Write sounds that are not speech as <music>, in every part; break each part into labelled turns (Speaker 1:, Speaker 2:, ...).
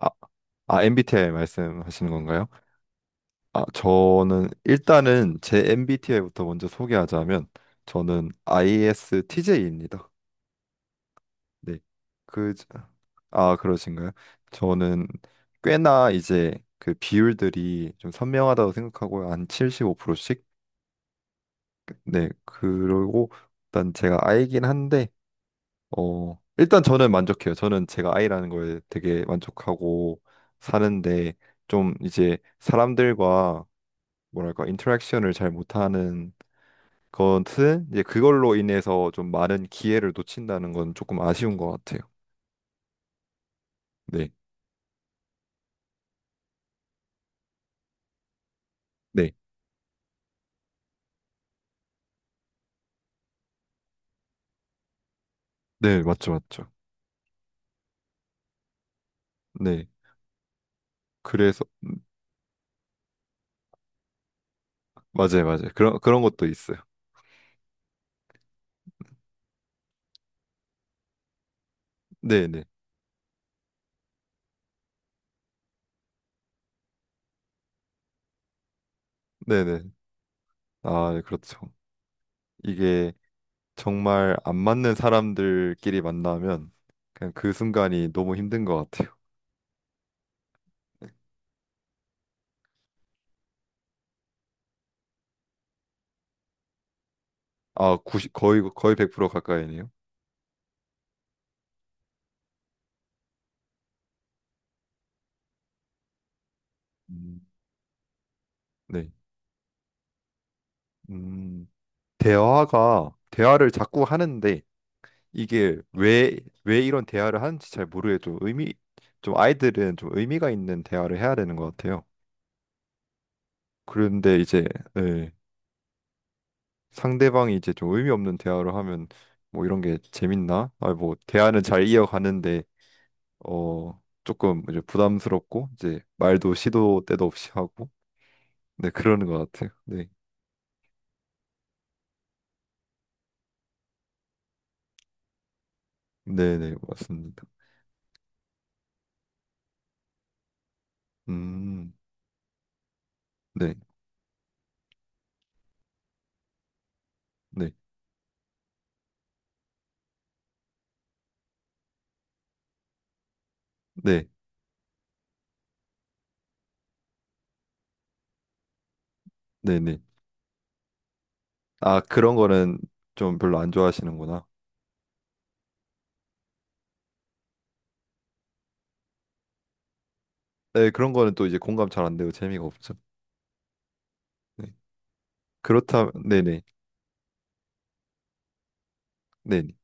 Speaker 1: 아, MBTI 말씀하시는 건가요? 아, 저는 일단은 제 MBTI부터 먼저 소개하자면 저는 ISTJ입니다. 네. 그, 그러신가요? 저는 꽤나 이제 그 비율들이 좀 선명하다고 생각하고요. 한 75%씩? 네. 그리고 일단 제가 I긴 한데, 일단 저는 만족해요. 저는 제가 I라는 거에 되게 만족하고 사는데 좀 이제 사람들과 뭐랄까 인터랙션을 잘 못하는 것은 이제 그걸로 인해서 좀 많은 기회를 놓친다는 건 조금 아쉬운 것 같아요. 네, 네, 네, 맞죠, 맞죠. 네, 그래서 맞아요, 맞아요. 그런 것도 있어요. 네, 네, 네, 네. 아, 네, 그렇죠. 이게 정말 안 맞는 사람들끼리 만나면 그냥 그 순간이 너무 힘든 것 같아요. 아, 90, 거의 100% 가까이네요. 음, 네, 음, 대화가 대화를 자꾸 하는데 이게 왜 이런 대화를 하는지 잘 모르겠죠. 의미, 좀 아이들은 좀 의미가 있는 대화를 해야 되는 것 같아요. 그런데 이제 예, 상대방이 이제 좀 의미 없는 대화를 하면 뭐 이런 게 재밌나? 아, 뭐 대화는 잘 이어가는데 어 조금 이제 부담스럽고 이제 말도 시도 때도 없이 하고 네 그러는 것 같아요. 네, 네, 네 맞습니다. 음, 네, 네, 네, 네, 네. 아 그런 거는 좀 별로 안 좋아하시는구나. 네, 그런 거는 또 이제 공감 잘 안 되고 재미가 없죠. 네. 그렇다면 네네 네네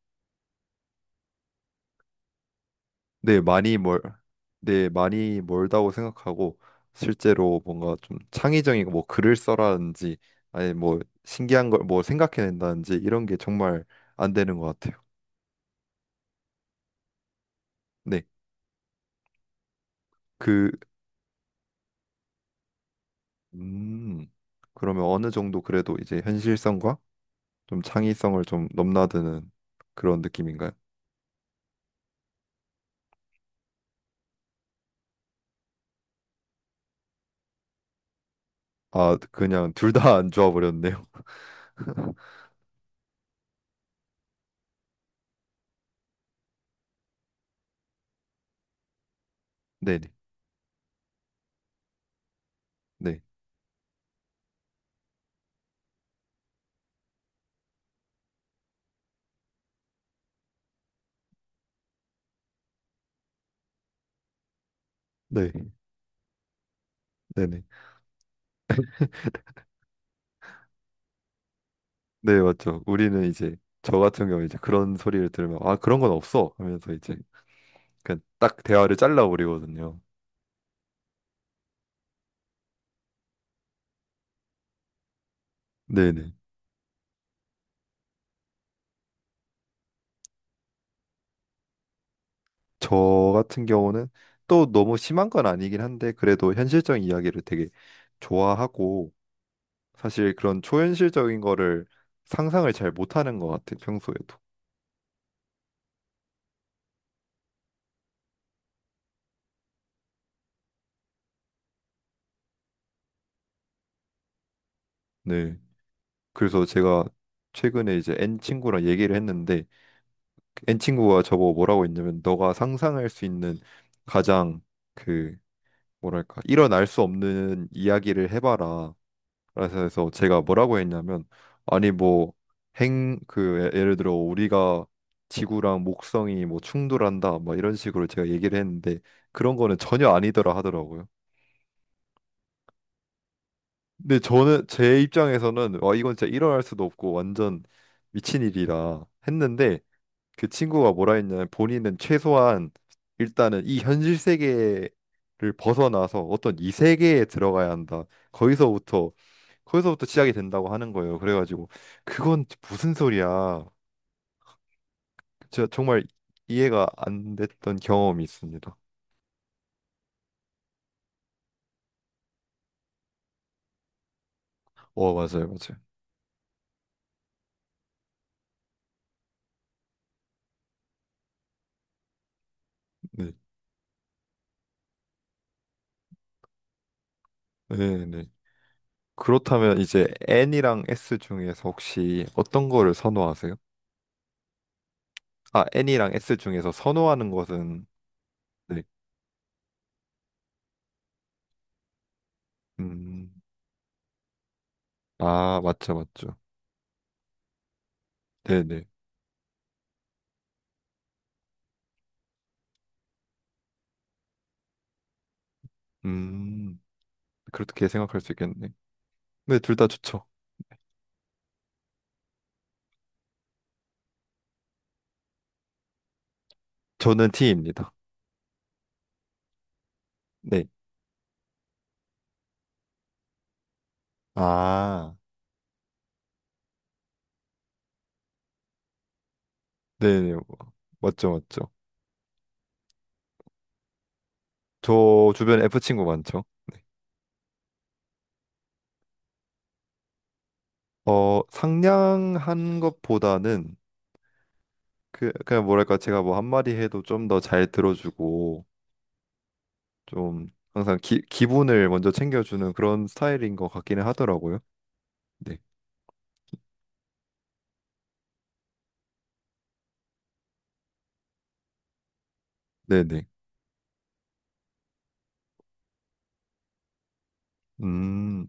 Speaker 1: 네 많이 멀 네, 많이 멀다고 생각하고 실제로 뭔가 좀 창의적인 뭐 글을 써라든지 아니 뭐 신기한 걸 뭐 생각해낸다든지 이런 게 정말 안 되는 것 같아요. 네, 그 음, 그러면 어느 정도 그래도 이제 현실성과 좀 창의성을 좀 넘나드는 그런 느낌인가요? 아, 그냥 둘 다 안 좋아 버렸네요. <laughs> 네네 네 네 네네 네, 맞죠. 우리는 이제 저 같은 경우 이제 그런 소리를 들으면 아, 그런 건 없어 하면서 이제 그냥 딱 대화를 잘라버리거든요. 네네. 저 같은 경우는 또 너무 심한 건 아니긴 한데 그래도 현실적인 이야기를 되게 좋아하고 사실 그런 초현실적인 거를 상상을 잘 못하는 것 같아요, 평소에도. 네. 그래서 제가 최근에 이제 N 친구랑 얘기를 했는데 그 N 친구가 저보고 뭐라고 했냐면 너가 상상할 수 있는 가장 그 뭐랄까 일어날 수 없는 이야기를 해봐라. 그래서 해서 제가 뭐라고 했냐면 아니 뭐 행그 예, 예를 들어 우리가 지구랑 목성이 뭐 충돌한다 막 이런 식으로 제가 얘기를 했는데 그런 거는 전혀 아니더라 하더라고요. 근데 저는 제 입장에서는 와 이건 진짜 일어날 수도 없고 완전 미친 일이라 했는데 그 친구가 뭐라 했냐면 본인은 최소한 일단은 이 현실 세계를 벗어나서 어떤 이 세계에 들어가야 한다. 거기서부터 거기서부터 시작이 된다고 하는 거예요. 그래가지고 그건 무슨 소리야? 제가 정말 이해가 안 됐던 경험이 있습니다. 어, 맞아요, 맞아요. 네, 네, 네. 그렇다면 이제 N이랑 S 중에서 혹시 어떤 거를 선호하세요? 아, N이랑 S 중에서 선호하는 것은 네, 음, 아, 맞죠, 맞죠. 네네. 음, 그렇게 생각할 수 있겠네. 네, 둘 다 좋죠. 저는 T입니다. 네. 아, 네네. 맞죠, 맞죠. 저 주변에 F 친구 많죠. 네. 어, 상냥한 것보다는 그, 그냥 뭐랄까, 제가 뭐 한마디 해도 좀 더 잘 들어주고, 좀 항상 기, 기분을 먼저 챙겨주는 그런 스타일인 것 같기는 하더라고요. 네. 네네. 음,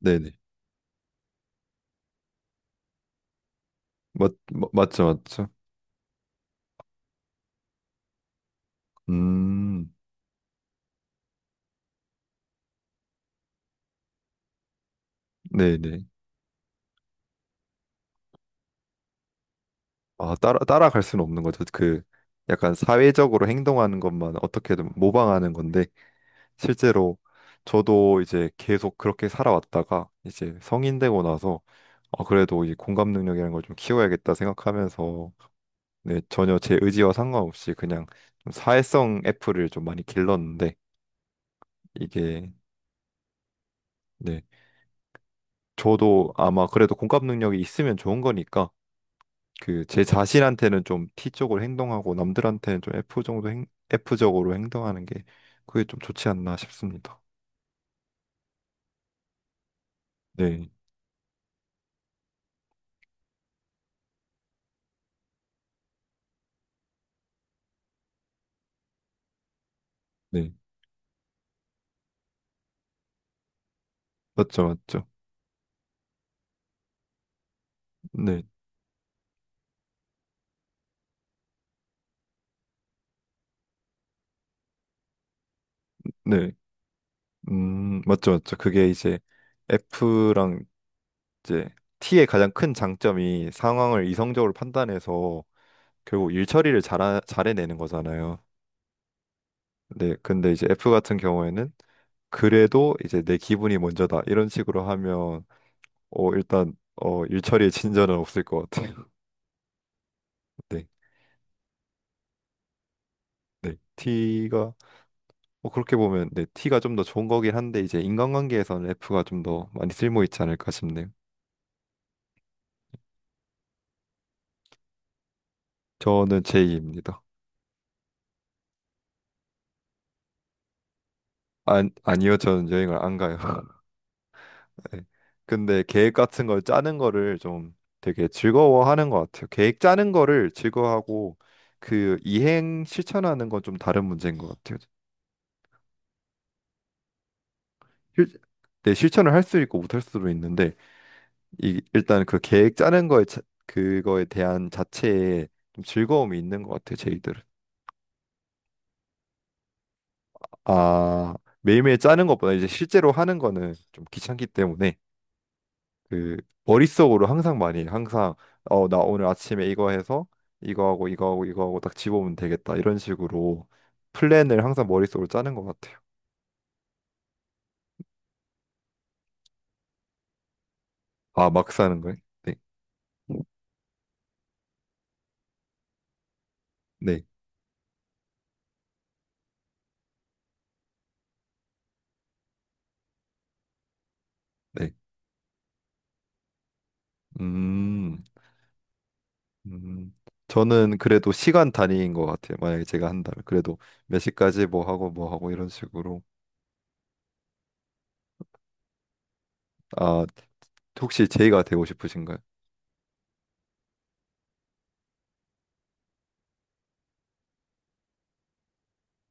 Speaker 1: 네네. 맞죠, 맞죠. 음, 네네. 아, 따라갈 수는 없는 거죠. 그 약간 사회적으로 행동하는 것만 어떻게든 모방하는 건데 실제로 저도 이제 계속 그렇게 살아왔다가 이제 성인 되고 나서 아, 그래도 이 공감 능력이라는 걸 좀 키워야겠다 생각하면서 네, 전혀 제 의지와 상관없이 그냥 좀 사회성 애플을 좀 많이 길렀는데 이게 네, 저도 아마 그래도 공감 능력이 있으면 좋은 거니까 그 제 자신한테는 좀 T쪽으로 행동하고 남들한테는 좀 F 정도 F적으로 행동하는 게 그게 좀 좋지 않나 싶습니다. 네, 네. 맞죠, 맞죠. 네, 네. 맞죠, 맞죠. 그게 이제 F랑 이제 T의 가장 큰 장점이 상황을 이성적으로 판단해서 결국 일 처리를 잘해내는 거잖아요. 네, 근데 이제 F 같은 경우에는 그래도 이제 내 기분이 먼저다 이런 식으로 하면 일처리에 친절은 없을 것 같아요. <laughs> 네. 네. T가 어, 그렇게 보면 네, T가 좀 더 좋은 거긴 한데 이제 인간관계에서는 F가 좀 더 많이 쓸모 있지 않을까 싶네요. 저는 J입니다. 안, 아니요. 저는 여행을 안 가요. <laughs> 네. 근데 계획 같은 걸 짜는 거를 좀 되게 즐거워하는 것 같아요. 계획 짜는 거를 즐거워하고 그 이행 실천하는 건 좀 다른 문제인 것 같아요. 실, 네, 실천을 할 수 있고 못할 수도 있는데 일단 그 계획 짜는 거에 자- 그거에 대한 자체에 좀 즐거움이 있는 것 같아요 제이들은 아 매일매일 짜는 것보다 이제 실제로 하는 거는 좀 귀찮기 때문에 그 머릿속으로 항상 많이 해요. 항상 어 나 오늘 아침에 이거 해서 이거 하고 이거 하고 이거 하고 딱 집어오면 되겠다 이런 식으로 플랜을 항상 머릿속으로 짜는 것 같아요 아 막 사는 거예요? 네 네, 네. 음 음, 저는 그래도 시간 단위인 것 같아요. 만약에 제가 한다면 그래도 몇 시까지 뭐 하고 뭐 하고 이런 식으로. 아, 혹시 제이가 되고 싶으신가요?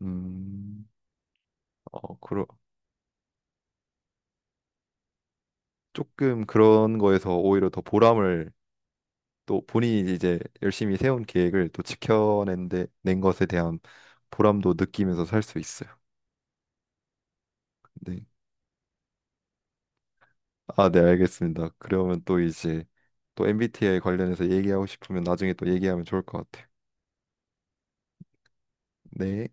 Speaker 1: 음, 어, 그러, 조금 그런 거에서 오히려 더 보람을 또 본인이 이제 열심히 세운 계획을 또 지켜낸 낸 것에 대한 보람도 느끼면서 살 수 있어요. 네. 아, 네, 알겠습니다. 그러면 또 이제 또 MBTI 관련해서 얘기하고 싶으면 나중에 또 얘기하면 좋을 것 같아요. 네.